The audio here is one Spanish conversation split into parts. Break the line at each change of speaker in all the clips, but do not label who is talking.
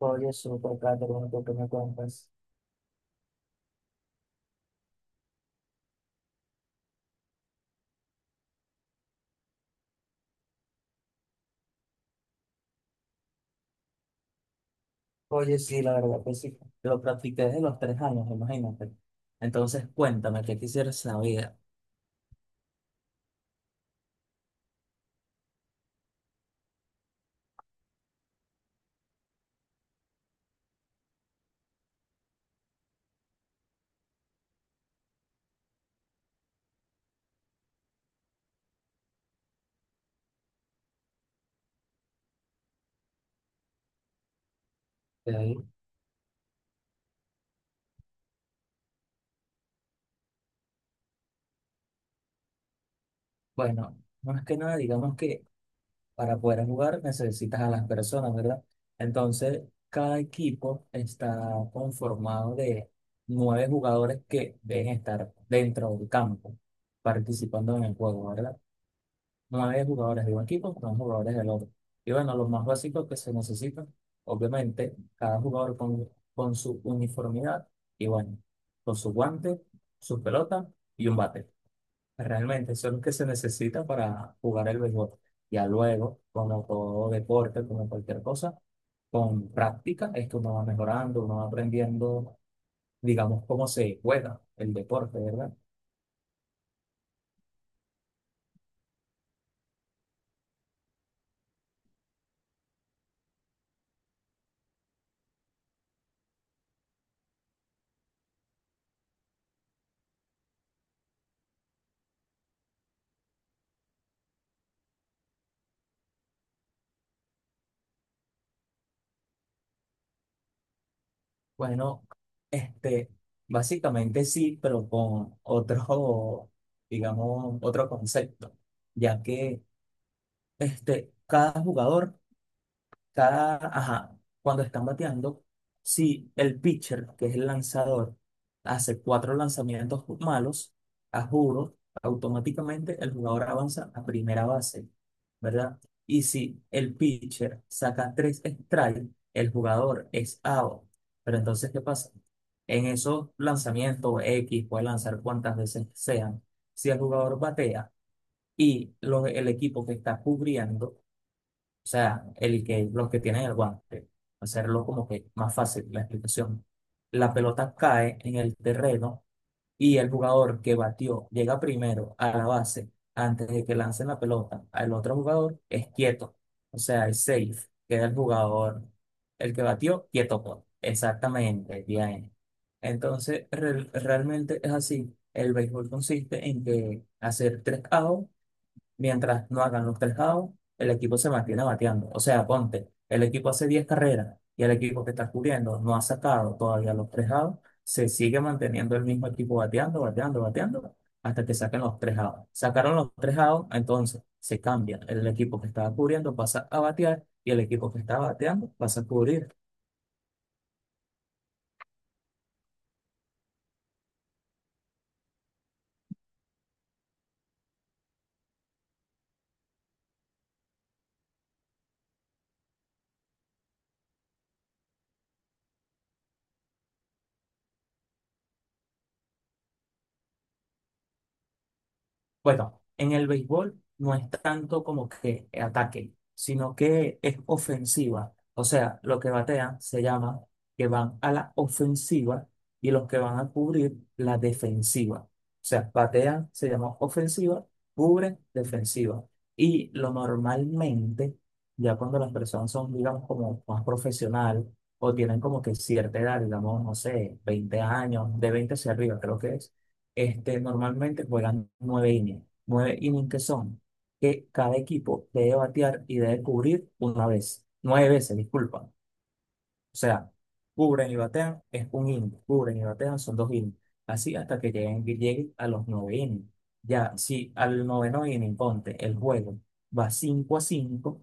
Oye, súper, Kate, bueno, tú que me cuentas. Oye, sí, la verdad que sí. Lo practiqué desde los 3 años, imagínate. Entonces, cuéntame, ¿qué quisieras saber? De ahí, bueno, más que nada, digamos que para poder jugar necesitas a las personas, ¿verdad? Entonces, cada equipo está conformado de nueve jugadores que deben estar dentro del campo, participando en el juego, ¿verdad? No hay jugadores de un equipo, no jugadores del otro. Y bueno, los más básicos que se necesitan, obviamente, cada jugador con su uniformidad y bueno, con su guante, su pelota y un bate. Realmente, eso es lo que se necesita para jugar el béisbol. Ya luego, como todo deporte, como cualquier cosa, con práctica es que uno va mejorando, uno va aprendiendo, digamos, cómo se juega el deporte, ¿verdad? Bueno, este, básicamente sí, pero con otro, digamos, otro concepto, ya que cada jugador ajá, cuando están bateando, si el pitcher, que es el lanzador, hace cuatro lanzamientos malos, a juro, automáticamente el jugador avanza a primera base, ¿verdad? Y si el pitcher saca tres strikes, el jugador es out. Pero entonces, ¿qué pasa? En esos lanzamientos X, puede lanzar cuantas veces sean, si el jugador batea y el equipo que está cubriendo, o sea, el que, los que tienen el guante, hacerlo como que más fácil la explicación. La pelota cae en el terreno y el jugador que batió llega primero a la base antes de que lancen la pelota al otro jugador, es quieto. O sea, es safe, queda el jugador, el que batió, quieto, pues. Exactamente, bien. Entonces, realmente es así. El béisbol consiste en que hacer tres outs. Mientras no hagan los tres outs, el equipo se mantiene bateando. O sea, ponte, el equipo hace 10 carreras y el equipo que está cubriendo no ha sacado todavía los tres outs, se sigue manteniendo el mismo equipo bateando, bateando, bateando, hasta que saquen los tres outs. Sacaron los tres outs, entonces se cambia. El equipo que estaba cubriendo pasa a batear y el equipo que estaba bateando pasa a cubrir. Bueno, en el béisbol no es tanto como que ataque, sino que es ofensiva. O sea, lo que batean se llama que van a la ofensiva y los que van a cubrir la defensiva. O sea, batean se llama ofensiva, cubren defensiva. Y lo normalmente, ya cuando las personas son, digamos, como más profesional o tienen como que cierta edad, digamos, no sé, 20 años, de 20 hacia arriba, creo que es normalmente juegan nueve innings. Nueve innings que son que cada equipo debe batear y debe cubrir una vez. Nueve veces, disculpa. O sea, cubren y batean es un inning. Cubren y batean son dos innings. Así hasta que lleguen a los nueve innings. Ya, si al noveno inning, ponte, el juego va 5-5,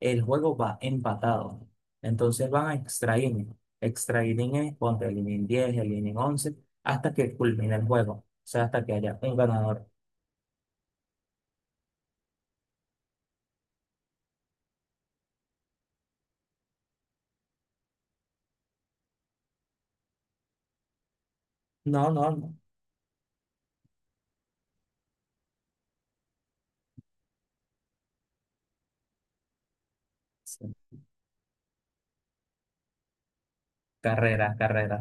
el juego va empatado. Entonces van a extra inning. Extra inning es ponte el inning 10, el inning 11, hasta que culmine el juego. O sea, hasta que haya un ganador. No, no, no. Sí. Carrera, carrera.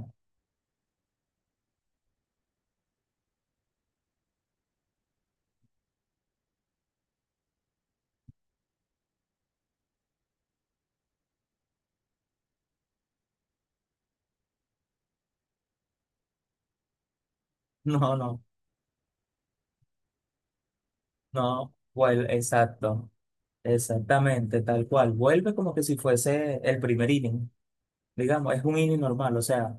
No, no, no. Vuelve, exacto. Exactamente, tal cual. Vuelve como que si fuese el primer inning. Digamos, es un inning normal. O sea,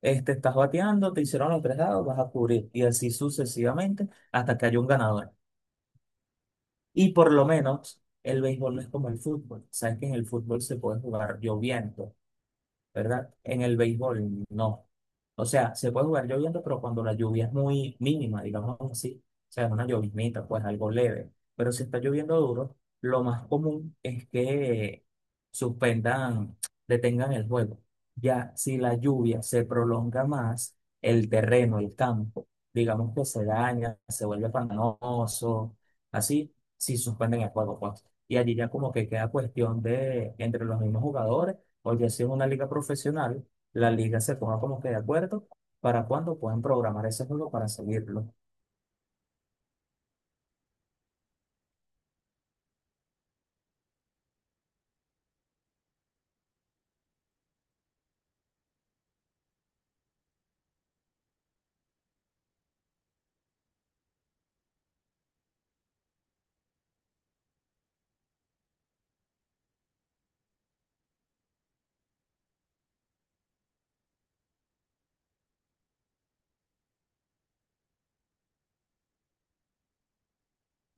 estás bateando, te hicieron los tres dados, vas a cubrir. Y así sucesivamente hasta que haya un ganador. Y por lo menos el béisbol no es como el fútbol. Sabes que en el fútbol se puede jugar lloviendo, ¿verdad? En el béisbol, no. O sea, se puede jugar lloviendo, pero cuando la lluvia es muy mínima, digamos así, o sea, una lloviznita, pues algo leve. Pero si está lloviendo duro, lo más común es que suspendan, detengan el juego. Ya si la lluvia se prolonga más, el terreno, el campo, digamos que se daña, se vuelve pantanoso, así, si suspenden el juego, pues. Y allí ya como que queda cuestión de entre los mismos jugadores o ya si es una liga profesional, la liga se ponga como que de acuerdo para cuándo pueden programar ese juego para seguirlo.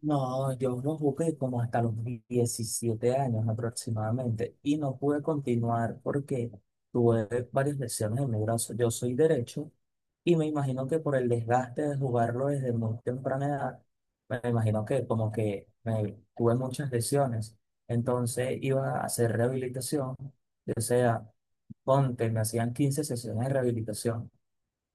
No, yo lo jugué como hasta los 17 años aproximadamente y no pude continuar porque tuve varias lesiones en mi brazo. Yo soy derecho y me imagino que por el desgaste de jugarlo desde muy temprana edad, me imagino que como que tuve muchas lesiones. Entonces iba a hacer rehabilitación, o sea, ponte, me hacían 15 sesiones de rehabilitación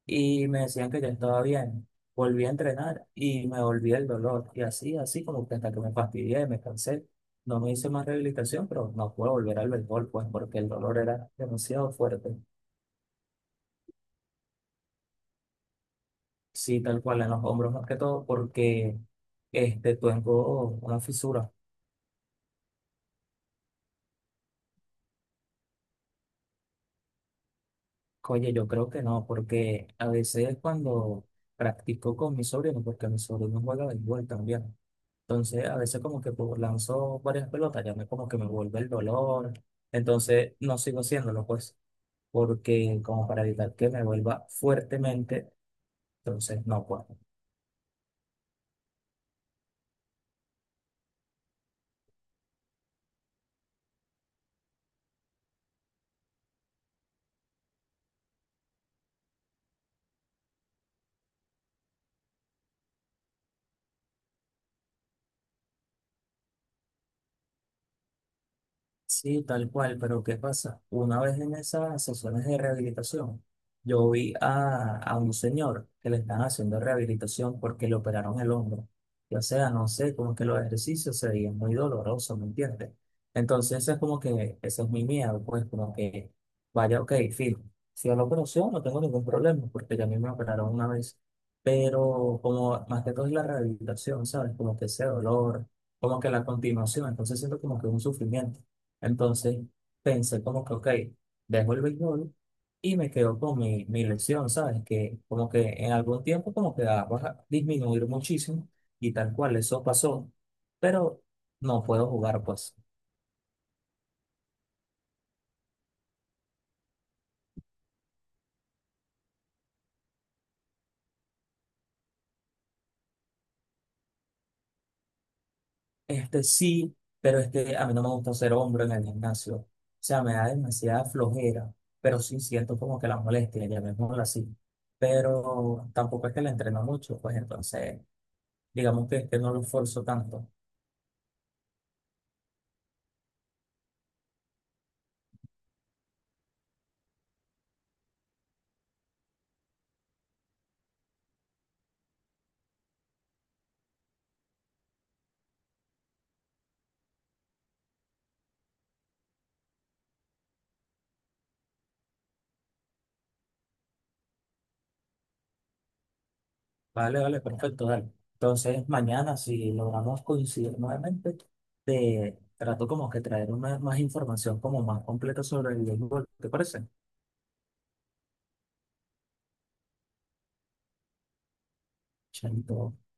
y me decían que yo estaba bien. Volví a entrenar y me volví el dolor. Y así, así como que hasta que me fastidié, me cansé. No me hice más rehabilitación, pero no puedo volver al béisbol, pues porque el dolor era demasiado fuerte. Sí, tal cual, en los hombros más que todo, porque tengo una fisura. Oye, yo creo que no, porque a veces cuando practico con mis sobrinos, porque mi sobrino juega béisbol también. Entonces, a veces como que pues, lanzo varias pelotas, ya me como que me vuelve el dolor. Entonces, no sigo haciéndolo, pues, porque como para evitar que me vuelva fuertemente, entonces no puedo. Sí, tal cual, pero ¿qué pasa? Una vez en esas sesiones de rehabilitación, yo vi a un señor que le están haciendo rehabilitación porque le operaron el hombro. Y, o sea, no sé, como que los ejercicios se veían muy dolorosos, ¿me entiendes? Entonces, es como que ese es mi miedo, pues, como que, vaya, ok, filo, si a la operación no tengo ningún problema, porque ya a mí me operaron una vez, pero como más que todo es la rehabilitación, ¿sabes? Como que ese dolor, como que la continuación, entonces siento como que un sufrimiento. Entonces pensé como que, ok, dejo el béisbol y me quedo con mi lección, ¿sabes? Que como que en algún tiempo como que va a disminuir muchísimo y tal cual, eso pasó, pero no puedo jugar, pues. Sí, pero es que a mí no me gusta ser hombro en el gimnasio. O sea, me da demasiada flojera, pero sí siento como que la molestia, llamémosla así. Pero tampoco es que la entreno mucho, pues entonces digamos que no lo esfuerzo tanto. Vale, vale, perfecto, dale. Entonces, mañana, si logramos coincidir nuevamente, te trato como que traer más información como más completa sobre el béisbol, ¿te parece? Chaito.